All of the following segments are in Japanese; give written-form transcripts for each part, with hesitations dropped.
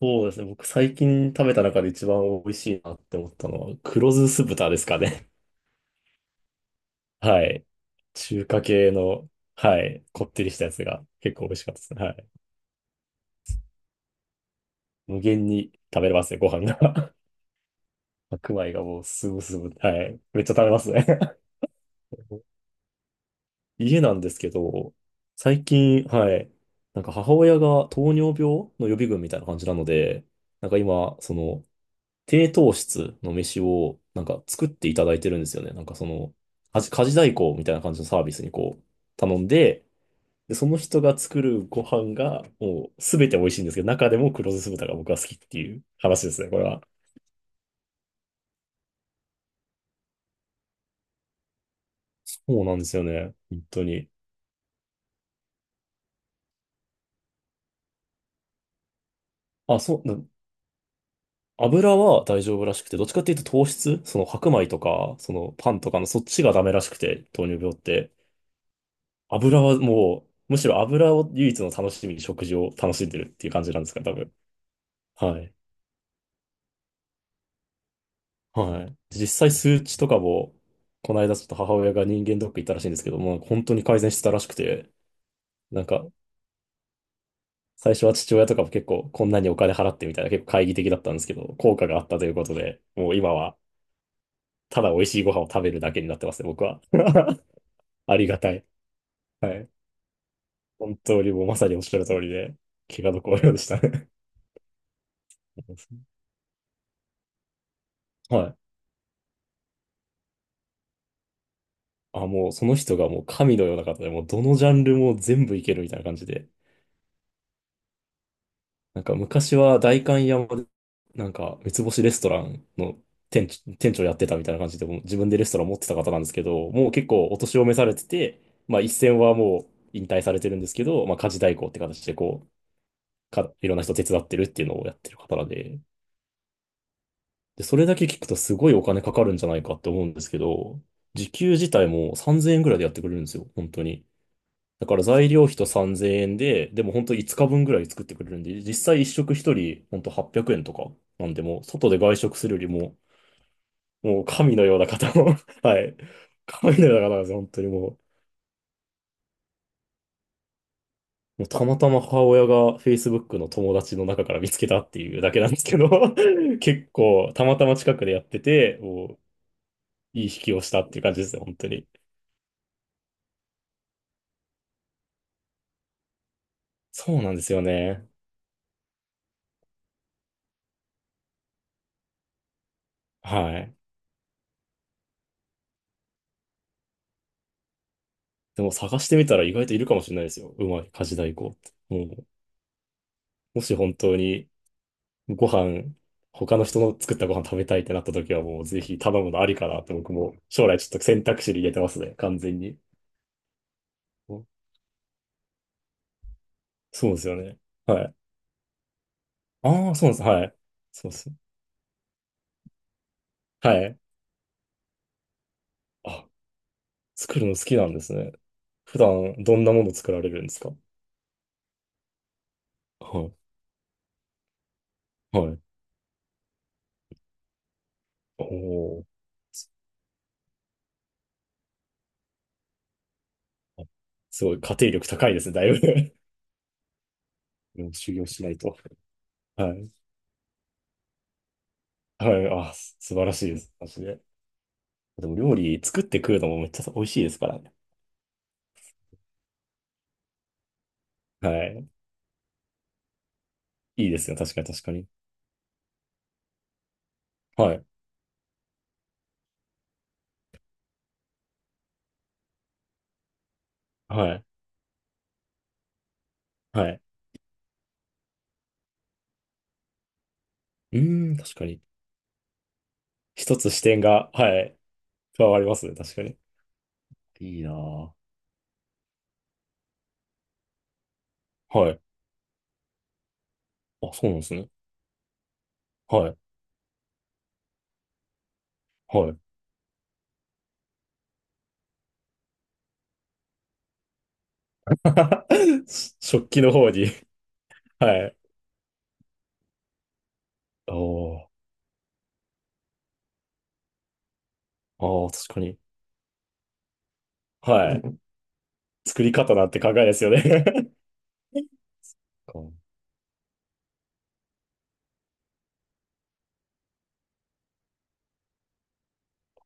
そうですね。僕最近食べた中で一番美味しいなって思ったのは、黒酢酢豚ですかね。はい。中華系の、はい。こってりしたやつが結構美味しかったですね。はい。無限に食べれますね、ご飯が。白米がもうすぐ、はい。めっちゃ食べますね。家なんですけど、最近、はい。母親が糖尿病の予備軍みたいな感じなので、今、低糖質の飯を作っていただいてるんですよね。家事代行みたいな感じのサービスにこう頼んで、で、その人が作るご飯がもうすべて美味しいんですけど、中でも黒酢豚が僕は好きっていう話ですね、これは。そうなんですよね、本当に。あ、油は大丈夫らしくて、どっちかっていうと糖質、その白米とか、そのパンとかのそっちがダメらしくて、糖尿病って。油はもう、むしろ油を唯一の楽しみに食事を楽しんでるっていう感じなんですかね、多分。はい。はい。実際数値とかも、この間ちょっと母親が人間ドック行ったらしいんですけども、本当に改善してたらしくて、なんか、最初は父親とかも結構こんなにお金払ってみたいな結構懐疑的だったんですけど、効果があったということで、もう今はただ美味しいご飯を食べるだけになってますね、僕は。ありがたい。はい。本当にもうまさにおっしゃる通りで、気が毒のようでしたね。はい。あ、もうその人がもう神のような方で、もうどのジャンルも全部いけるみたいな感じで、昔は代官山で、三つ星レストランの店長やってたみたいな感じで、もう自分でレストラン持ってた方なんですけど、もう結構お年を召されてて、まあ一線はもう引退されてるんですけど、まあ家事代行って形でこう、いろんな人手伝ってるっていうのをやってる方なんで、で、それだけ聞くとすごいお金かかるんじゃないかって思うんですけど、時給自体も3000円ぐらいでやってくれるんですよ、本当に。だから材料費と3000円で、でも本当5日分ぐらい作ってくれるんで、実際一食一人本当800円とかなんで、もう外で外食するよりも、もう神のような方の はい。神のような方なんですよ、本当にもう。もうたまたま母親が Facebook の友達の中から見つけたっていうだけなんですけど、 結構たまたま近くでやってて、もういい引きをしたっていう感じですね、本当に。そうなんですよね。はい。でも探してみたら意外といるかもしれないですよ。うまい家事代行って。もし本当にご飯、他の人の作ったご飯食べたいってなった時はもうぜひ頼むのありかなって僕も将来ちょっと選択肢に入れてますね、完全に。お、そうですよね。はい。ああ、そうなんです。はい。そうです。はい。あ、作るの好きなんですね。普段どんなもの作られるんですか？はい。はい。おお。あ、すごい、家庭力高いですね、だいぶ。もう修行しないと。はい。はい。あ、素晴らしいです。マジで。でも料理作って食うのもめっちゃ美味しいですからね。はい。いいですよ。確かに。はい。はい。はい。うーん、確かに。一つ視点が、はい。加わりますね。確かに。いいなぁ。はい。あ、そうなんですね。はい。はい。食器の方に。はい。おー。あー、確かに。はい。作り方なんて考えですよね。か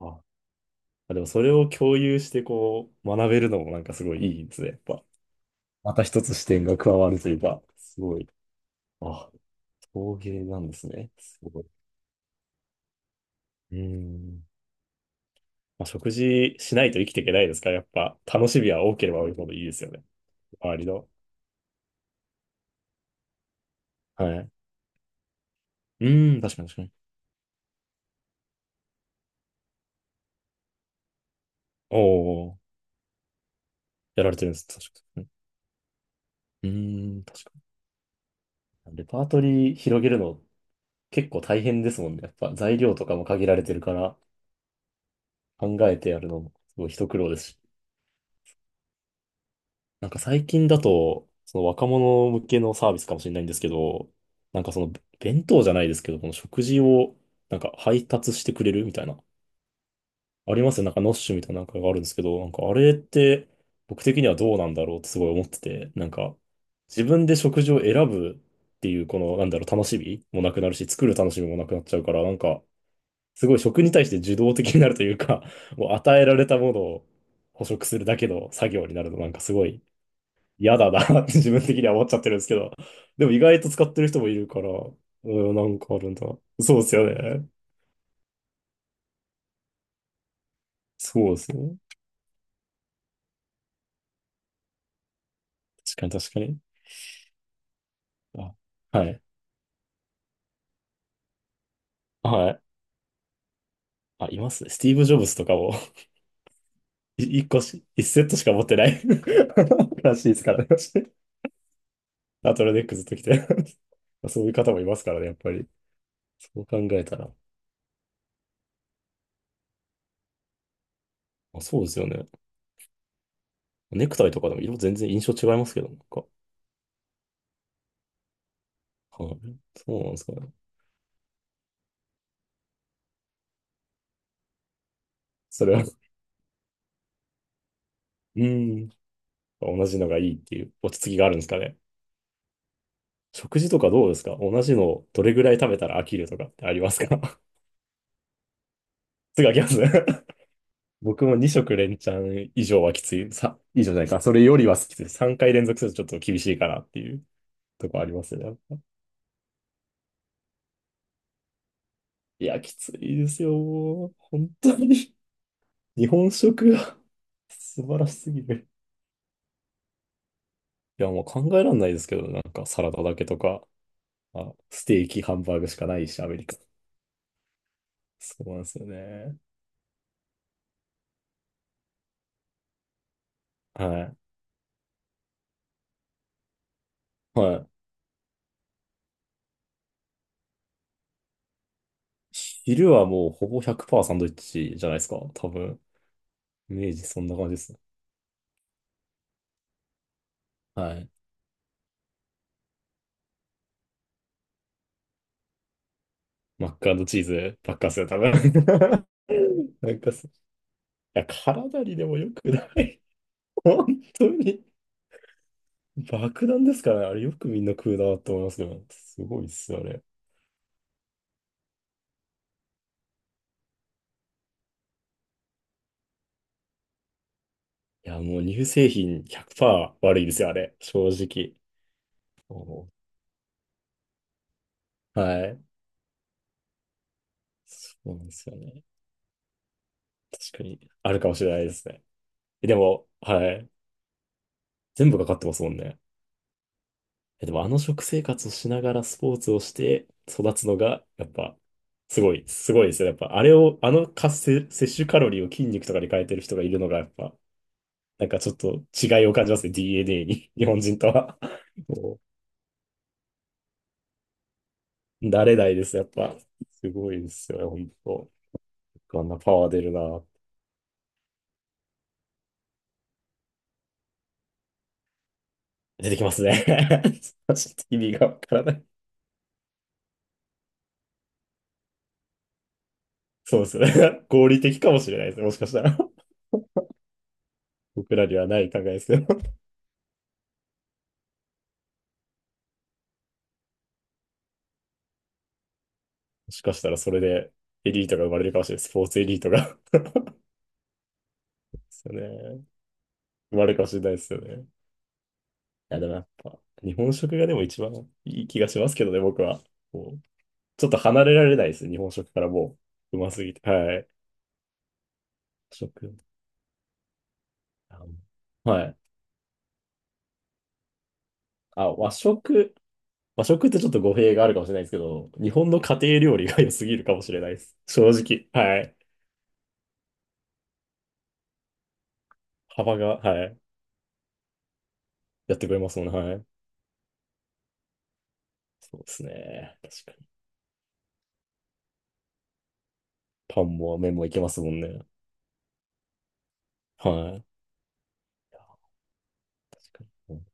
あ、あでもそれを共有してこう学べるのもなんかすごいいいですね。やっぱ。また一つ視点が加わるというか、すごい。あ、陶芸なんですね。すごい。うーん。まあ、食事しないと生きていけないですから、やっぱ、楽しみは多ければ多いほどいいですよね。周りの。はい。うーん、確かに。おお、やられてるんです。確かに。うーん、確かにレパートリー広げるの結構大変ですもんね。やっぱ材料とかも限られてるから考えてやるのもすごい一苦労ですし。最近だと、その若者向けのサービスかもしれないんですけど、なんかその弁当じゃないですけど、この食事を配達してくれるみたいな、ありますよ。ノッシュみたいながあるんですけど、なんかあれって僕的にはどうなんだろうってすごい思ってて、自分で食事を選ぶっていうこのなんだろう楽しみもなくなるし、作る楽しみもなくなっちゃうから、すごい食に対して受動的になるというか、もう与えられたものを捕食するだけの作業になるのなんかすごい嫌だなって自分的には思っちゃってるんですけど、でも意外と使ってる人もいるから、うん、なんかあるんだ。そうですよね。そうですね。確かに。あ、はい。はい。あ、いますね。スティーブ・ジョブズとかも。 い一個し、一セットしか持ってない らしいですからね。ナトラネックずっと来て。 そういう方もいますからね、やっぱり。そう考えたら。あ、そうですよね。ネクタイとかでも色全然印象違いますけど、なんか。はい。そうなんですかね。それは、うん。同じのがいいっていう落ち着きがあるんですかね。食事とかどうですか？同じのどれぐらい食べたら飽きるとかってありますか？ すぐ飽きますね。僕も2食連チャン以上はきつい。以上じゃないか。それよりはきつい。3回連続するとちょっと厳しいかなっていうとこありますね。やっぱいや、きついですよ。本当に。日本食が 素晴らしすぎる。いや、もう考えられないですけど、なんかサラダだけとか、まあ、ステーキ、ハンバーグしかないし、アメリカ。そうなんですよね。はい。はい。昼はもうほぼ100%サンドイッチじゃないですか。多分。イメージそんな感じです。はい。マッカードチーズばっかっすよ、多分。なんかそいや、体にでも良くない。本当に。爆弾ですからね。あれよくみんな食うなと思いますけど。すごいっすよ、あれ。いや、もう乳製品100%悪いですよ、あれ。正直。おー、はい。そうなんですよね。確かに。あるかもしれないですね。でも、はい。全部かかってますもんね。え、でもあの食生活をしながらスポーツをして育つのが、やっぱ、すごいですよ。やっぱ、あれを、あの活性、摂取カロリーを筋肉とかに変えてる人がいるのが、やっぱ、なんかちょっと違いを感じますね。DNA に。日本人とは。も慣れないです、やっぱ。すごいですよね、本当。あんなパワー出るな。出てきますね。ちょっと意味がわからない。そうですね。合理的かもしれないですね。もしかしたら。僕らにはない考えですよ。もしかしたらそれでエリートが生まれるかもしれない。スポーツエリートが。 ですよね。生まれるかもしれないですよね。いや、でもやっぱ、日本食がでも一番いい気がしますけどね、僕は。こうちょっと離れられないです。日本食からもう、うますぎて。はい。食。あ、はい。あ、和食。和食ってちょっと語弊があるかもしれないですけど、日本の家庭料理が良すぎるかもしれないです。正直。はい。幅が、はい。やってくれますもんね。はい。そうですね。確かに。パンも麺もいけますもんね。はい。や、確かに。